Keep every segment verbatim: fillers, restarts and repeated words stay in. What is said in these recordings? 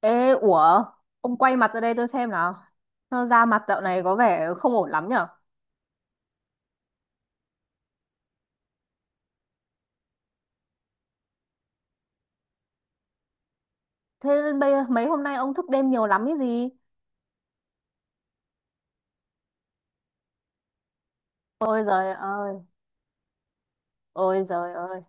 Ê, ủa, ông quay mặt ra đây tôi xem nào. Nó Da mặt dạo này có vẻ không ổn lắm nhở. Thế nên bây mấy hôm nay ông thức đêm nhiều lắm cái gì? Ôi giời ơi, ôi giời ơi.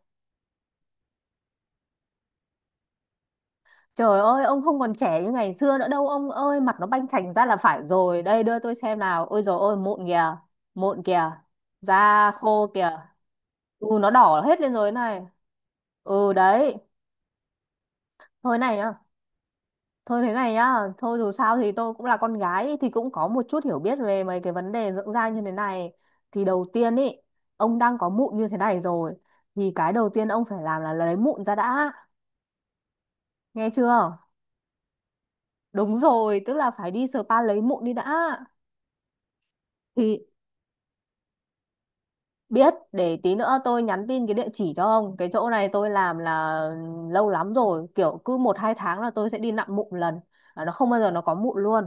Trời ơi, ông không còn trẻ như ngày xưa nữa đâu ông ơi, mặt nó banh chành ra là phải rồi. Đây đưa tôi xem nào. Ôi giời ơi, mụn kìa, mụn kìa, da khô kìa. Ừ, nó đỏ hết lên rồi này. Ừ đấy, thôi này nhá. Thôi thế này nhá, thôi dù sao thì tôi cũng là con gái thì cũng có một chút hiểu biết về mấy cái vấn đề dưỡng da như thế này. Thì đầu tiên ý, ông đang có mụn như thế này rồi thì cái đầu tiên ông phải làm là lấy mụn ra đã, nghe chưa? Đúng rồi, tức là phải đi spa lấy mụn đi đã. Thì biết để tí nữa tôi nhắn tin cái địa chỉ cho ông. Cái chỗ này tôi làm là lâu lắm rồi, kiểu cứ một hai tháng là tôi sẽ đi nặn mụn lần. À, nó không bao giờ nó có mụn luôn.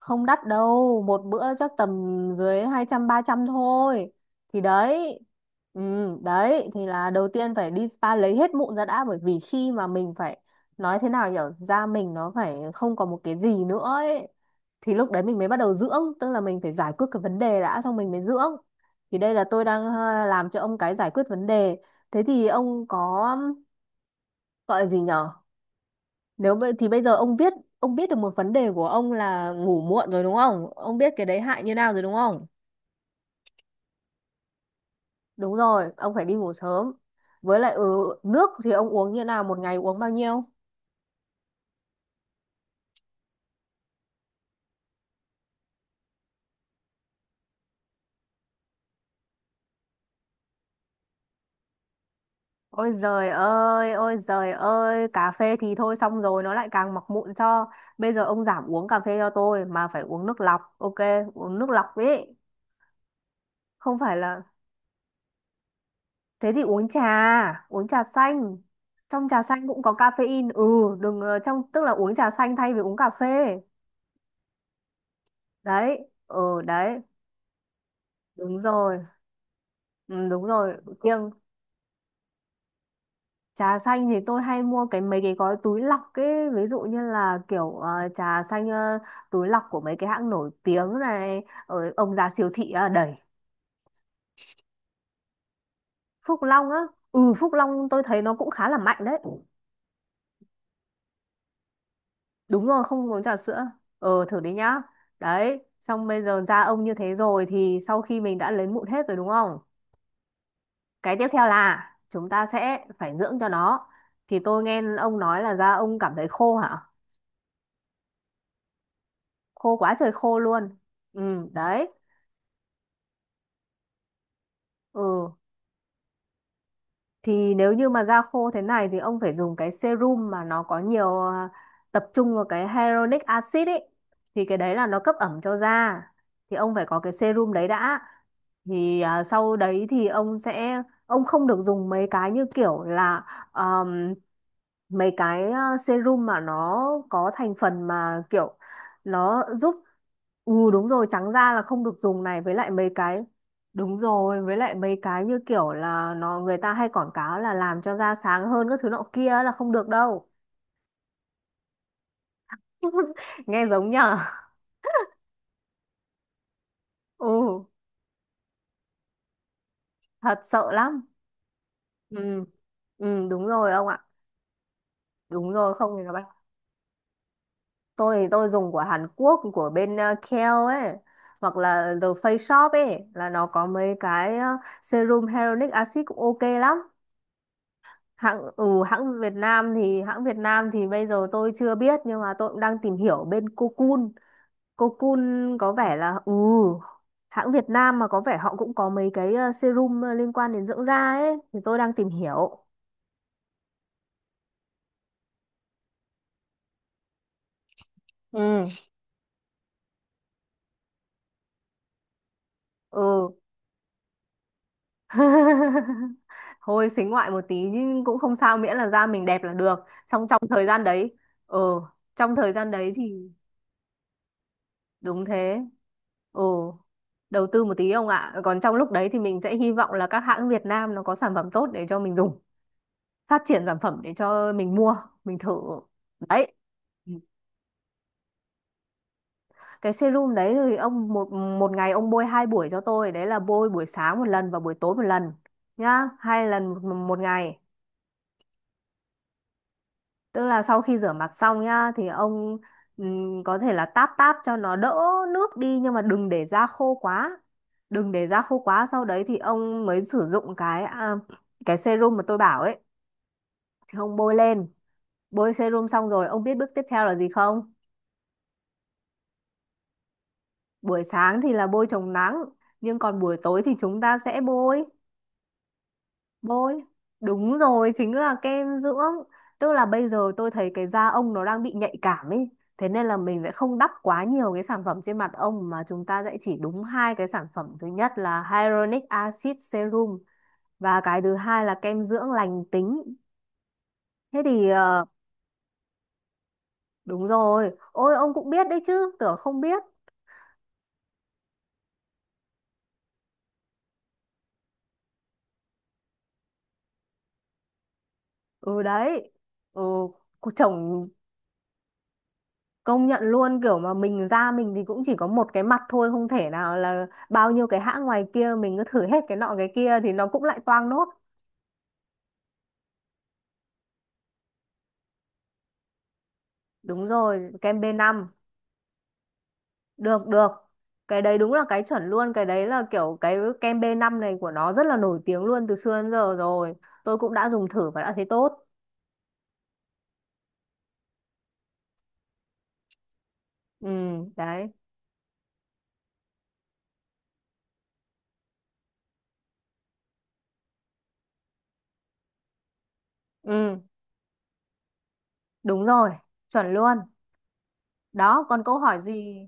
Không đắt đâu, một bữa chắc tầm dưới hai trăm ba trăm thôi, thì đấy. Ừ, đấy thì là đầu tiên phải đi spa lấy hết mụn ra đã, bởi vì khi mà mình phải nói thế nào, hiểu da mình nó phải không còn một cái gì nữa ấy, thì lúc đấy mình mới bắt đầu dưỡng. Tức là mình phải giải quyết cái vấn đề đã, xong mình mới dưỡng. Thì đây là tôi đang ờ, làm cho ông cái giải quyết vấn đề. Thế thì ông có gọi là gì nhở, nếu vậy thì bây giờ ông biết ông biết được một vấn đề của ông là ngủ muộn rồi, đúng không? Ông biết cái đấy hại như nào rồi đúng không? Đúng rồi, ông phải đi ngủ sớm. Với lại ừ, nước thì ông uống như nào, một ngày uống bao nhiêu? Ôi giời ơi, ôi giời ơi, cà phê thì thôi, xong rồi nó lại càng mọc mụn cho. Bây giờ ông giảm uống cà phê cho tôi mà phải uống nước lọc, ok, uống nước lọc ấy. Không phải là, thế thì uống trà, uống trà xanh. Trong trà xanh cũng có caffeine. Ừ, đừng ờ, trong tức là uống trà xanh thay vì uống cà phê. Đấy, ừ đấy. Đúng rồi, ừ, đúng rồi. kiêng Trà xanh thì tôi hay mua cái mấy cái gói túi lọc ấy, ví dụ như là kiểu ờ, trà xanh, ờ, túi lọc của mấy cái hãng nổi tiếng này ở ông già siêu thị ờ, đầy. Phúc Long á, ừ Phúc Long tôi thấy nó cũng khá là mạnh đấy. Đúng rồi, không uống trà sữa. Ờ, thử đi nhá. Đấy, xong bây giờ da ông như thế rồi thì sau khi mình đã lấy mụn hết rồi đúng không, cái tiếp theo là chúng ta sẽ phải dưỡng cho nó. Thì tôi nghe ông nói là da ông cảm thấy khô hả? Khô quá trời khô luôn. Ừ. Đấy. Ừ. Thì nếu như mà da khô thế này thì ông phải dùng cái serum mà nó có nhiều, à, tập trung vào cái hyaluronic acid ấy, thì cái đấy là nó cấp ẩm cho da. Thì ông phải có cái serum đấy đã. Thì à, sau đấy thì ông sẽ, ông không được dùng mấy cái như kiểu là, um, mấy cái ờ, serum mà nó có thành phần mà kiểu nó giúp, ừ đúng rồi, trắng da là không được dùng này, với lại mấy cái, đúng rồi, với lại mấy cái như kiểu là nó, người ta hay quảng cáo là làm cho da sáng hơn các thứ nọ kia là không được đâu. Nghe giống nhở? Ừ, thật sợ lắm. Ừ. Ừ, đúng rồi ông ạ. Đúng rồi, không thì nó bay. Tôi thì tôi dùng của Hàn Quốc, của bên uh, Kiehl ấy, hoặc là The Face Shop ấy, là nó có mấy cái ờ, serum hyaluronic acid cũng ok lắm. Hãng ừ hãng Việt Nam thì hãng Việt Nam thì bây giờ tôi chưa biết, nhưng mà tôi cũng đang tìm hiểu bên Cocoon. Cô Kun có vẻ là, ừ hãng Việt Nam mà có vẻ họ cũng có mấy cái ờ, serum ờ, liên quan đến dưỡng da ấy, thì tôi đang tìm hiểu. Ừ. Ừ. Thôi xính ngoại một tí nhưng cũng không sao, miễn là da mình đẹp là được. Trong trong thời gian đấy, ừ, trong thời gian đấy thì, đúng thế. Ừ, đầu tư một tí ông ạ. Còn trong lúc đấy thì mình sẽ hy vọng là các hãng Việt Nam nó có sản phẩm tốt để cho mình dùng, phát triển sản phẩm để cho mình mua, mình thử. Đấy. Ừ. Cái serum đấy thì ông, một một ngày ông bôi hai buổi cho tôi, đấy là bôi buổi sáng một lần và buổi tối một lần, nhá, hai lần một, một ngày. Tức là sau khi rửa mặt xong nhá thì ông, ừm, có thể là táp táp cho nó đỡ nước đi, nhưng mà đừng để da khô quá, đừng để da khô quá, sau đấy thì ông mới sử dụng cái à, cái serum mà tôi bảo ấy, thì ông bôi lên. Bôi serum xong rồi ông biết bước tiếp theo là gì không? Buổi sáng thì là bôi chống nắng, nhưng còn buổi tối thì chúng ta sẽ bôi. Bôi, đúng rồi, chính là kem dưỡng. Tức là bây giờ tôi thấy cái da ông nó đang bị nhạy cảm ấy. Thế nên là mình sẽ không đắp quá nhiều cái sản phẩm trên mặt ông, mà chúng ta sẽ chỉ đúng hai cái sản phẩm. Thứ nhất là Hyaluronic Acid Serum, và cái thứ hai là kem dưỡng lành tính. Thế thì ờ, đúng rồi. Ôi ông cũng biết đấy chứ, tưởng không biết. Ừ đấy. Ừ, chồng công nhận luôn, kiểu mà mình ra, mình thì cũng chỉ có một cái mặt thôi, không thể nào là bao nhiêu cái hãng ngoài kia mình cứ thử hết cái nọ cái kia thì nó cũng lại toang nốt. Đúng rồi, kem b năm. Được được. Cái đấy đúng là cái chuẩn luôn, cái đấy là kiểu cái kem b năm này của nó rất là nổi tiếng luôn từ xưa đến giờ rồi. Tôi cũng đã dùng thử và đã thấy tốt. Ừ, đấy. Ừ, đúng rồi, chuẩn luôn. Đó, còn câu hỏi gì?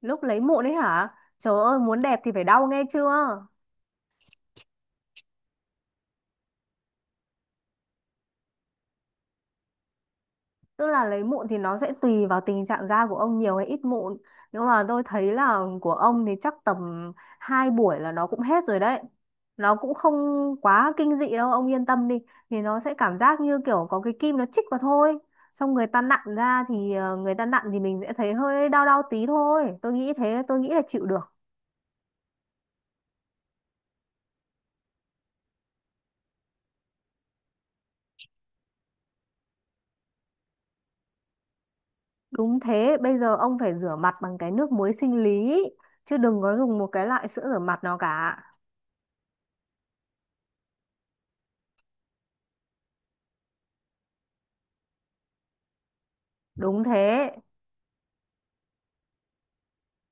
Lúc lấy mụn ấy hả? Trời ơi, muốn đẹp thì phải đau, nghe chưa? Tức là lấy mụn thì nó sẽ tùy vào tình trạng da của ông nhiều hay ít mụn. Nhưng mà tôi thấy là của ông thì chắc tầm hai buổi là nó cũng hết rồi đấy. Nó cũng không quá kinh dị đâu, ông yên tâm đi. Thì nó sẽ cảm giác như kiểu có cái kim nó chích vào thôi. Xong người ta nặn ra thì, ờ, người ta nặn thì mình sẽ thấy hơi đau đau tí thôi. Tôi nghĩ thế, tôi nghĩ là chịu được. Đúng thế, bây giờ ông phải rửa mặt bằng cái nước muối sinh lý. Chứ đừng có dùng một cái loại sữa rửa mặt nào cả. Đúng thế,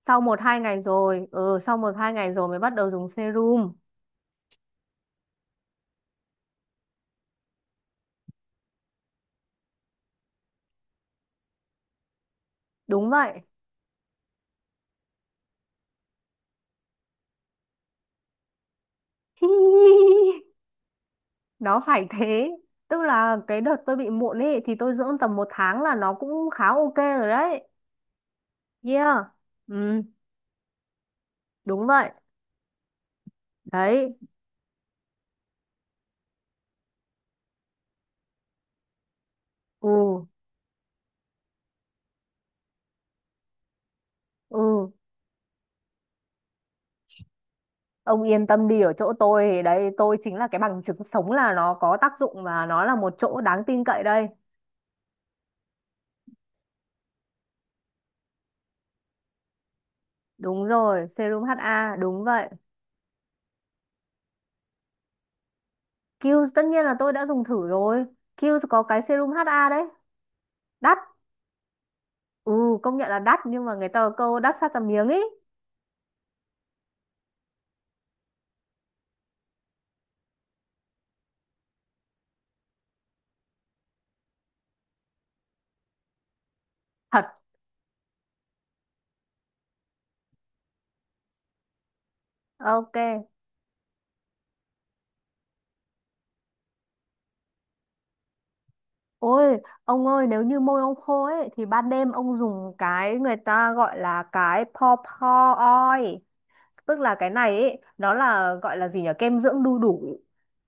sau một hai ngày rồi, ừ sau một hai ngày rồi mới bắt đầu dùng serum. Đúng vậy. Nó phải thế, tức là cái đợt tôi bị mụn ấy thì tôi dưỡng tầm một tháng là nó cũng khá ok rồi đấy. Yeah. Ừ. Đúng vậy. Đấy. Ừ. Ừ. Ông yên tâm đi, ở chỗ tôi thì đấy, tôi chính là cái bằng chứng sống là nó có tác dụng và nó là một chỗ đáng tin cậy đây. Đúng rồi, serum hát a, đúng vậy. Kiehl's tất nhiên là tôi đã dùng thử rồi. Kiehl's có cái serum hát a đấy. Đắt. Ừ, công nhận là đắt nhưng mà người ta có câu đắt sát ra miếng ý. Thật. Ok. Ôi, ông ơi, nếu như môi ông khô ấy thì ban đêm ông dùng cái người ta gọi là cái paw paw oil, tức là cái này ấy nó là, gọi là gì nhỉ, kem dưỡng đu đủ,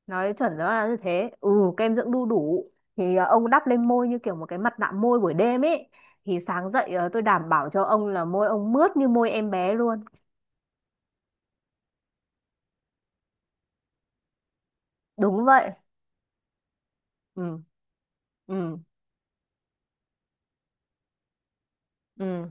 nói chuẩn nó là như thế, ừ, kem dưỡng đu đủ, thì ờ, ông đắp lên môi như kiểu một cái mặt nạ môi buổi đêm ấy, thì sáng dậy ờ, tôi đảm bảo cho ông là môi ông mướt như môi em bé luôn. Đúng vậy. Ừ. Ừ. Ừ.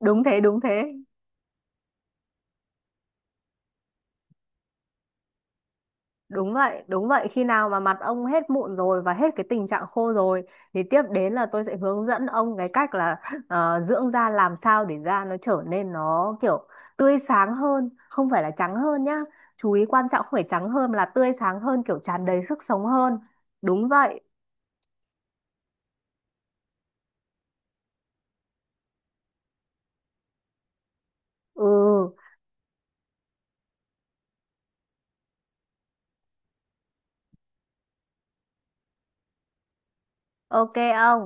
Đúng thế, đúng thế. Đúng vậy, đúng vậy. Khi nào mà mặt ông hết mụn rồi và hết cái tình trạng khô rồi thì tiếp đến là tôi sẽ hướng dẫn ông cái cách là, ờ, dưỡng da làm sao để da nó trở nên nó kiểu tươi sáng hơn, không phải là trắng hơn nhá. Chú ý quan trọng, không phải trắng hơn mà là tươi sáng hơn, kiểu tràn đầy sức sống hơn. Đúng vậy. Ừ, ok ông.